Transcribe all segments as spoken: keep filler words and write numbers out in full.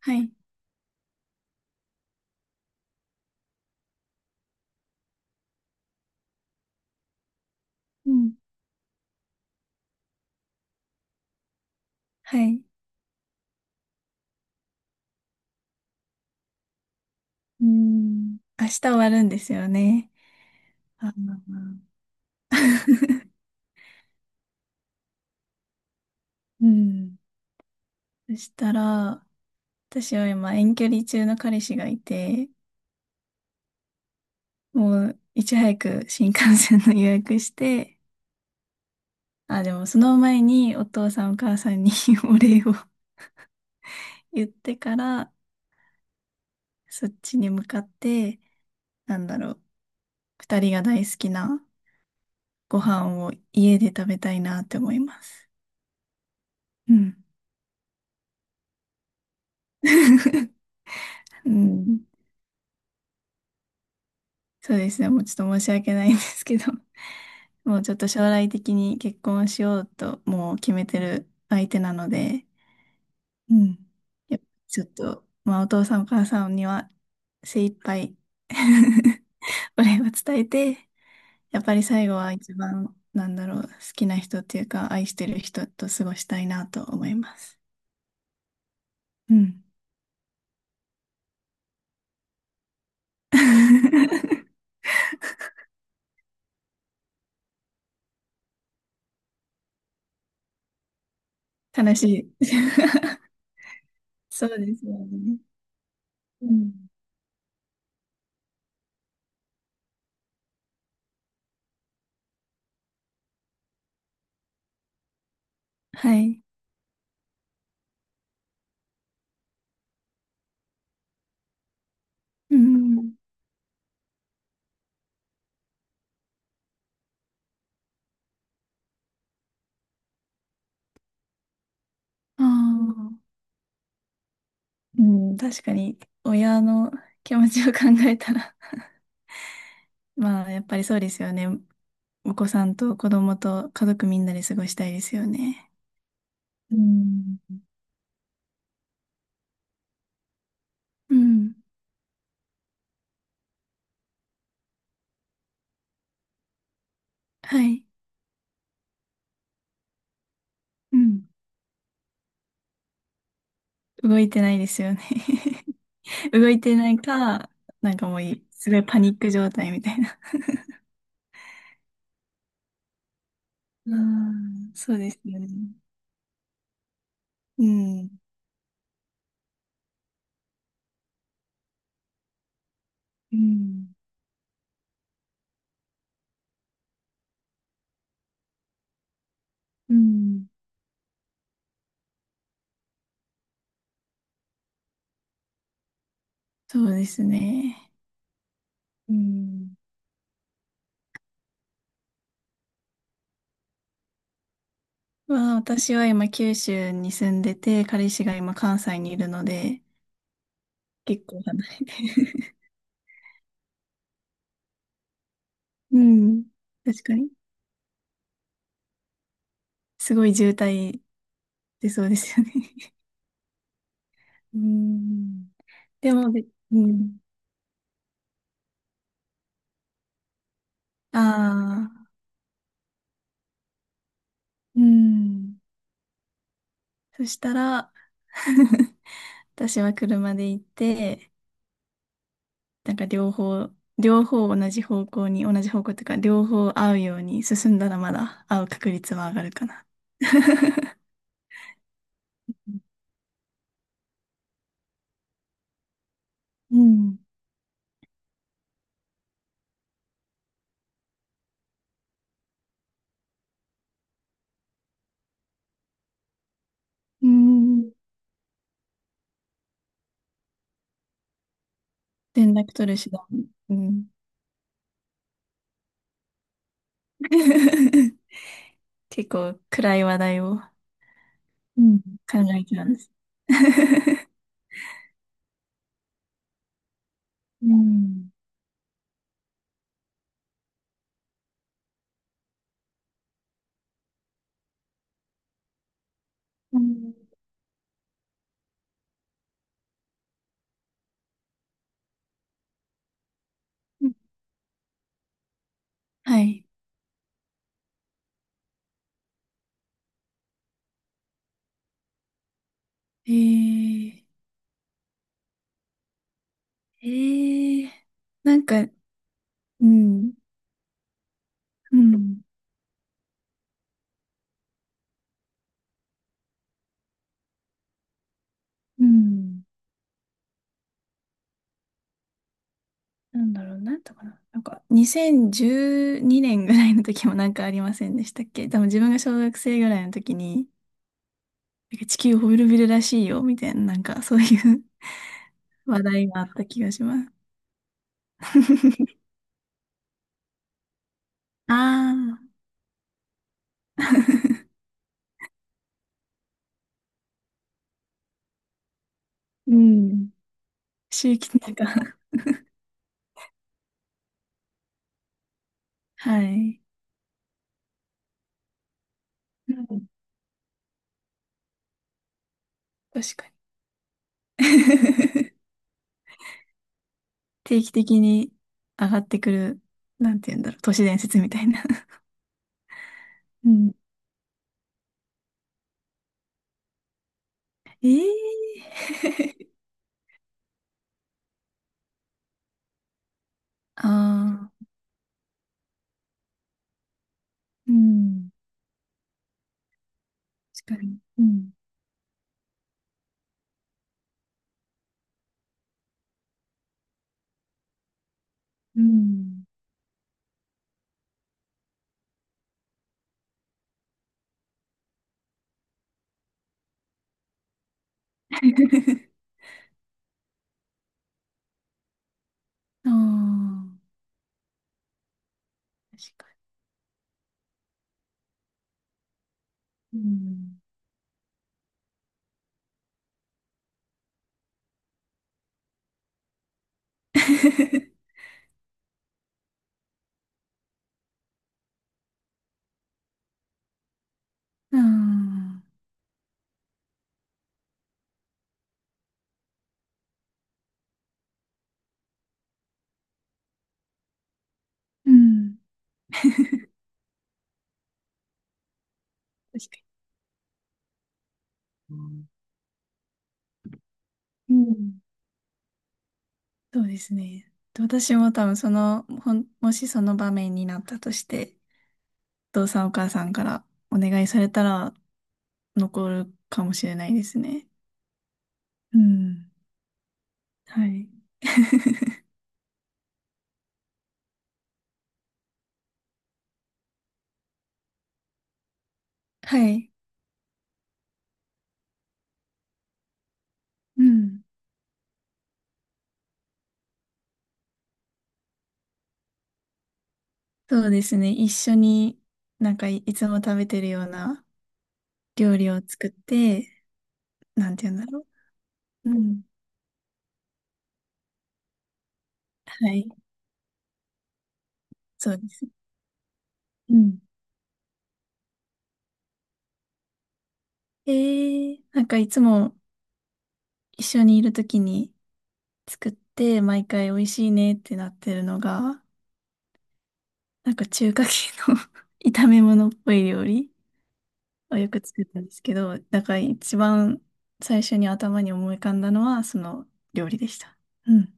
はい。うん。はい。うん。明日終わるんですよね。あー。 うん。そしたら、私は今遠距離中の彼氏がいて、もういち早く新幹線の予約して、あ、でもその前にお父さんお母さんに お礼を言ってから、そっちに向かって、なんだろう、二人が大好きなご飯を家で食べたいなって思います。うん。うんそうですね。もうちょっと申し訳ないんですけど、もうちょっと将来的に結婚しようともう決めてる相手なので、うん。やっぱちょっと、まあお父さんお母さんには精一杯 お礼を伝えて、やっぱり最後は一番、なんだろう、好きな人っていうか、愛してる人と過ごしたいなと思います。うん。悲しい。そうですよね。うん。はい。うん。ああ。うん、確かに、親の気持ちを考えたら まあ、やっぱりそうですよね。お子さんと子供と家族みんなで過ごしたいですよね。うん。うん。はい。うん。動いてないですよね。 動いてないか、なんかもうい、すごいパニック状態みたいな。うんそうですよね。うん。うんうん。そうですね。うんまあ、私は今九州に住んでて、彼氏が今関西にいるので、結構離れて。うん。確かに。すごい渋滞出そうですよね。うん。でも、で、うん。ああ、うん。そしたら、私は車で行って、なんか両方、両方同じ方向に、同じ方向というか、両方合うように進んだらまだ会う確率は上がるかな。うん。うん。連絡取る手段。うん。結構暗い話題をうん考えてたんです。うんうんはい。えー、えー、なんか、うん、うん。うんなんだろう、なんとかな。なんか、にせんじゅうにねんぐらいの時もなんかありませんでしたっけ？多分自分が小学生ぐらいの時に、なんか地球滅びるらしいよ、みたいな、なんかそういう 話題があった気がします。ああー。うん。周期的な、はい。うん。確かに。定期的に上がってくる、なんて言うんだろう、都市伝説みたいな。うん。ええ。 ああ、うん。確かに。うん。うん。ああ、確かにうん。ああ、うん、確かに。うん。そうですね。で私も多分その、ほん、もしその場面になったとして、お父さんお母さんからお願いされたら残るかもしれないですね。うん。はい。はい。うん。そうですね。一緒になんかい、いつも食べてるような料理を作って、なんて言うんだろう。うん。はい。そうです。うん。えー、なんかいつも一緒にいるときに作って、毎回美味しいねってなってるのが、なんか中華系の 炒め物っぽい料理をよく作ったんですけど、だから一番最初に頭に思い浮かんだのはその料理でした。うん。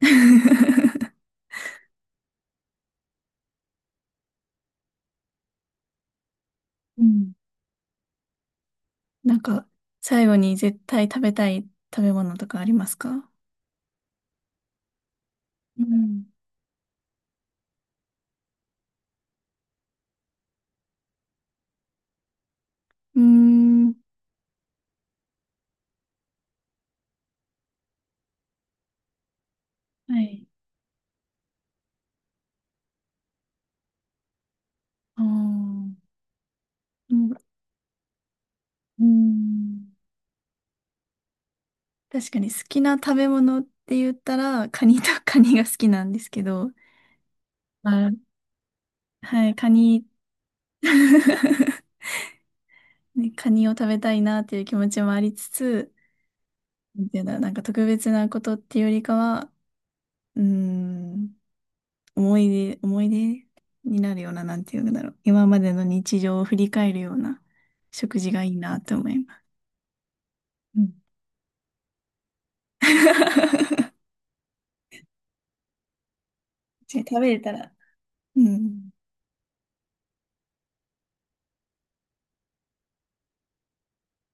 うん。なんか最後に絶対食べたい食べ物とかありますか？うん。うーん。はい。ああ。うんうーん。確かに好きな食べ物って言ったら、カニとカニが好きなんですけど、あ、はい、カニ。ね、カニを食べたいなっていう気持ちもありつつ、なんていうんだろう、なんか特別なことっていうよりかは、うーん、思い出、思い出になるような、なんていうんだろう、今までの日常を振り返るような食事がいいなって思います。うん。食べれたら、うん。